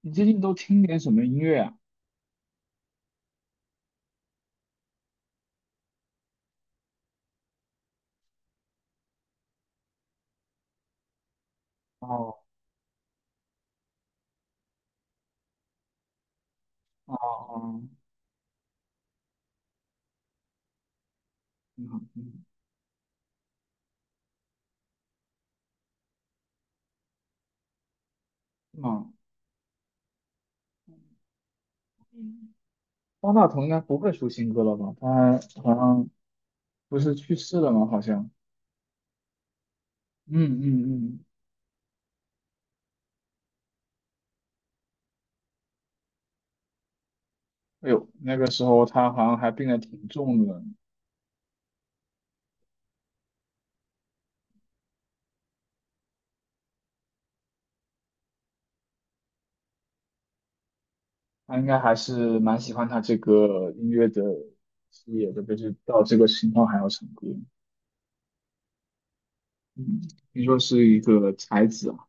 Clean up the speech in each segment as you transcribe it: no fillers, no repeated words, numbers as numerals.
你最近都听点什么音乐啊？哦哦哦，嗯嗯，嗯嗯方大同应该不会出新歌了吧？他好像不是去世了吗？好像。嗯嗯嗯。哎呦，那个时候他好像还病得挺重的，他应该还是蛮喜欢他这个音乐的事业的，就是到这个情况还要成歌。嗯，听说是一个才子啊。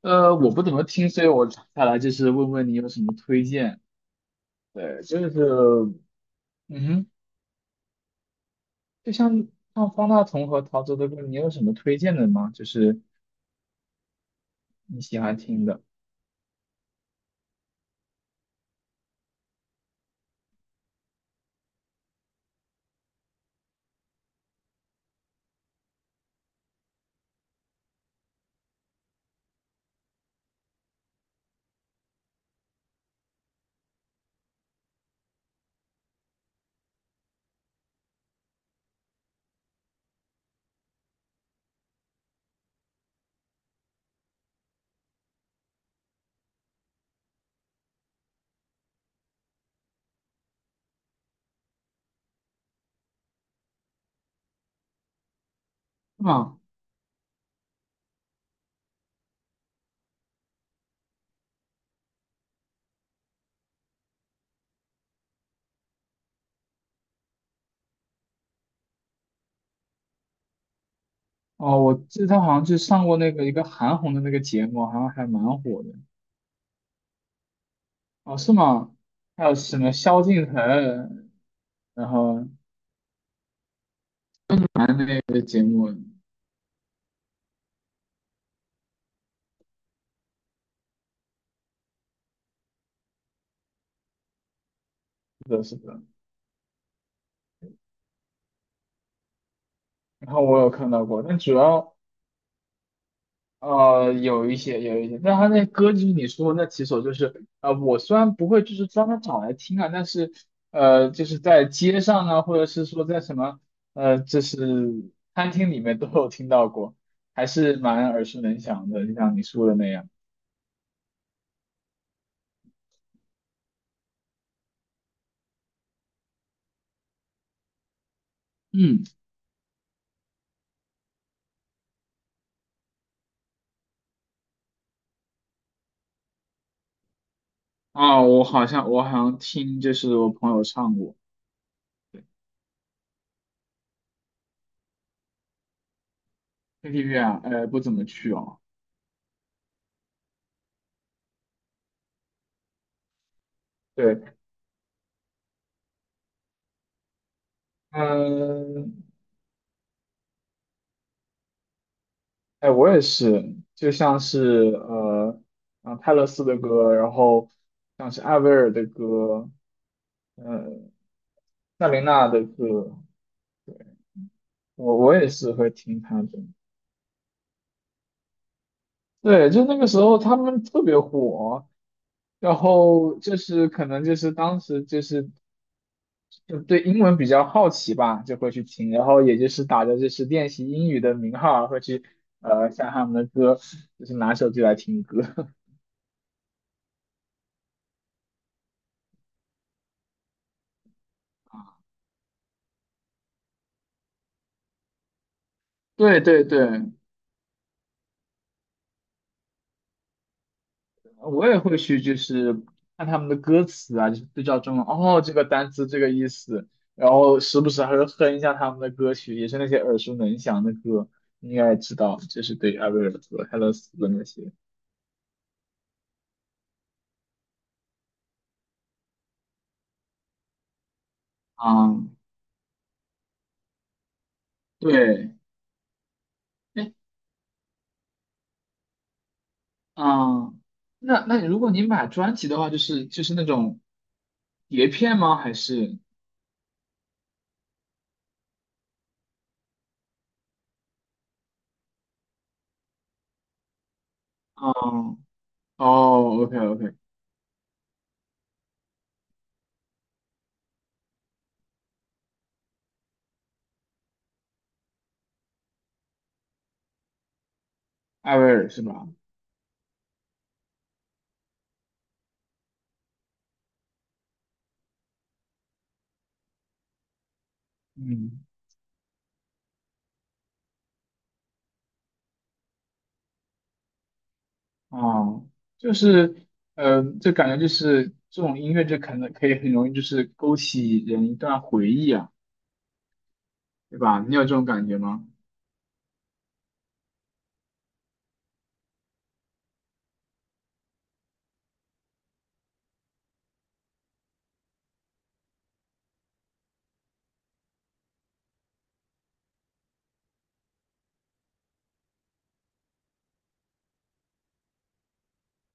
我不怎么听，所以我下来就是问问你有什么推荐。对，就是，嗯就像方大同和陶喆的歌，你有什么推荐的吗？就是你喜欢听的。啊，哦，我记得他好像就上过那个一个韩红的那个节目，好像还蛮火的。哦，是吗？还有什么萧敬腾，然后那个节目，是的，是的，然后我有看到过，但主要。呃，有一些，有一些，但他那歌就是你说的那几首，就是我虽然不会就是专门找来听啊，但是就是在街上啊，或者是说在什么就是餐厅里面都有听到过，还是蛮耳熟能详的，就像你说的那样。嗯，啊，我好像听就是我朋友唱过，KTV 啊，呃，不怎么去哦。对，嗯、哎，我也是，就像是呃，啊泰勒斯的歌，然后像是艾薇儿的歌，呃，夏琳娜的歌，我也是会听她的。对，就那个时候他们特别火，然后就是可能就是当时就是就对英文比较好奇吧，就会去听，然后也就是打着就是练习英语的名号儿会去呃下他们的歌，就是拿手机来听歌。对对对，我也会去，就是看他们的歌词啊，就是对照中文，哦，这个单词这个意思，然后时不时还会哼一下他们的歌曲，也是那些耳熟能详的歌，应该知道，就是对艾薇儿和泰勒斯的那些。嗯，对，哎，嗯，那那如果你买专辑的话，就是就是那种碟片吗？还是嗯，哦，OK OK，艾薇儿是吧？嗯。哦，就是，嗯，就感觉就是这种音乐，就可能可以很容易就是勾起人一段回忆啊，对吧？你有这种感觉吗？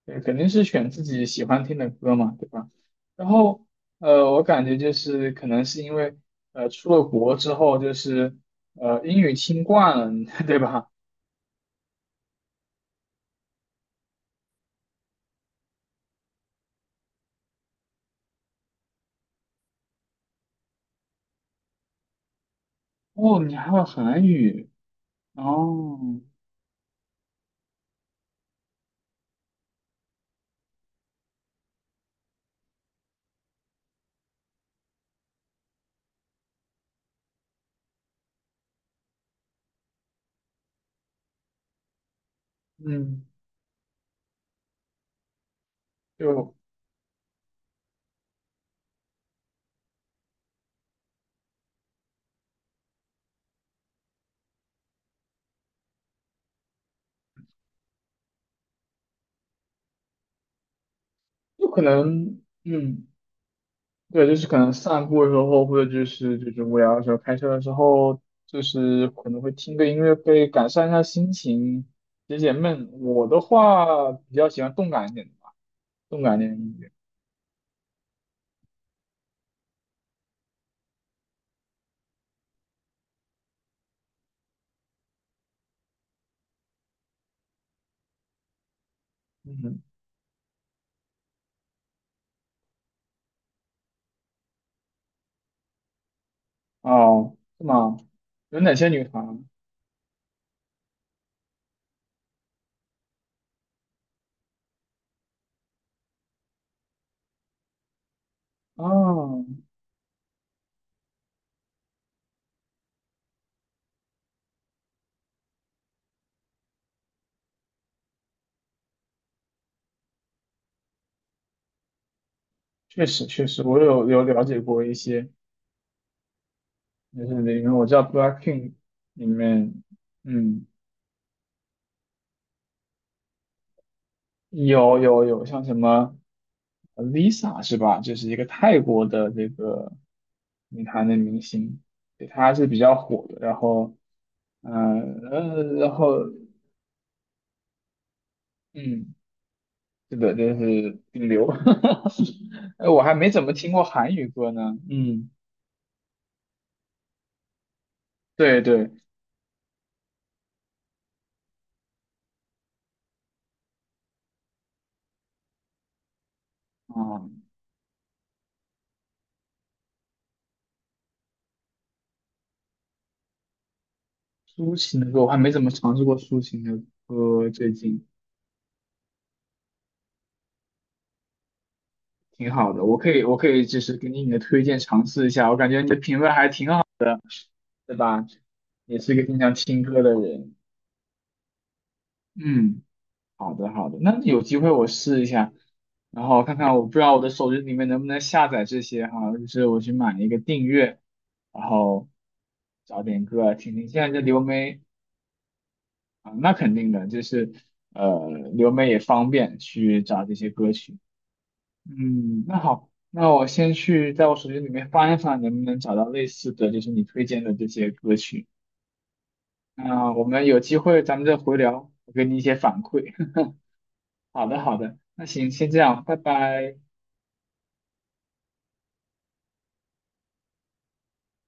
对，肯定是选自己喜欢听的歌嘛，对吧？然后，我感觉就是可能是因为，出了国之后就是，英语听惯了，对吧？哦，你还会韩语，哦，嗯，就就可能，嗯。对，就是可能散步的时候，或者就是就是无聊的时候，开车的时候，就是可能会听个音乐会，改善一下心情，解解闷。我的话比较喜欢动感一点的吧，动感一点的音乐。嗯，哦，是吗？有哪些女团？啊？确实确实，我有有了解过一些，就是里面我知道 BLACKPINK 里面，嗯。有有有，像什么呃 Lisa 是吧？就是一个泰国的这个女团的明星，对，她是比较火的。然后，嗯呃，然后嗯，是的，就是顶流。哎，我还没怎么听过韩语歌呢。嗯，对对，啊，抒情的歌我还没怎么尝试过抒情的歌，最近挺好的。我可以就是给你的推荐尝试一下，我感觉你的品味还挺好。对吧？也是个经常听歌的人。嗯，好的好的，那有机会我试一下，然后看看我不知道我的手机里面能不能下载这些哈，就是我去买一个订阅，然后找点歌啊听听。现在这流媒啊，那肯定的，就是呃流媒也方便去找这些歌曲。嗯，那好，那我先去在我手机里面翻一翻，能不能找到类似的，就是你推荐的这些歌曲。那我们有机会咱们再回聊，我给你一些反馈。好的，好的，那行，先这样，拜拜。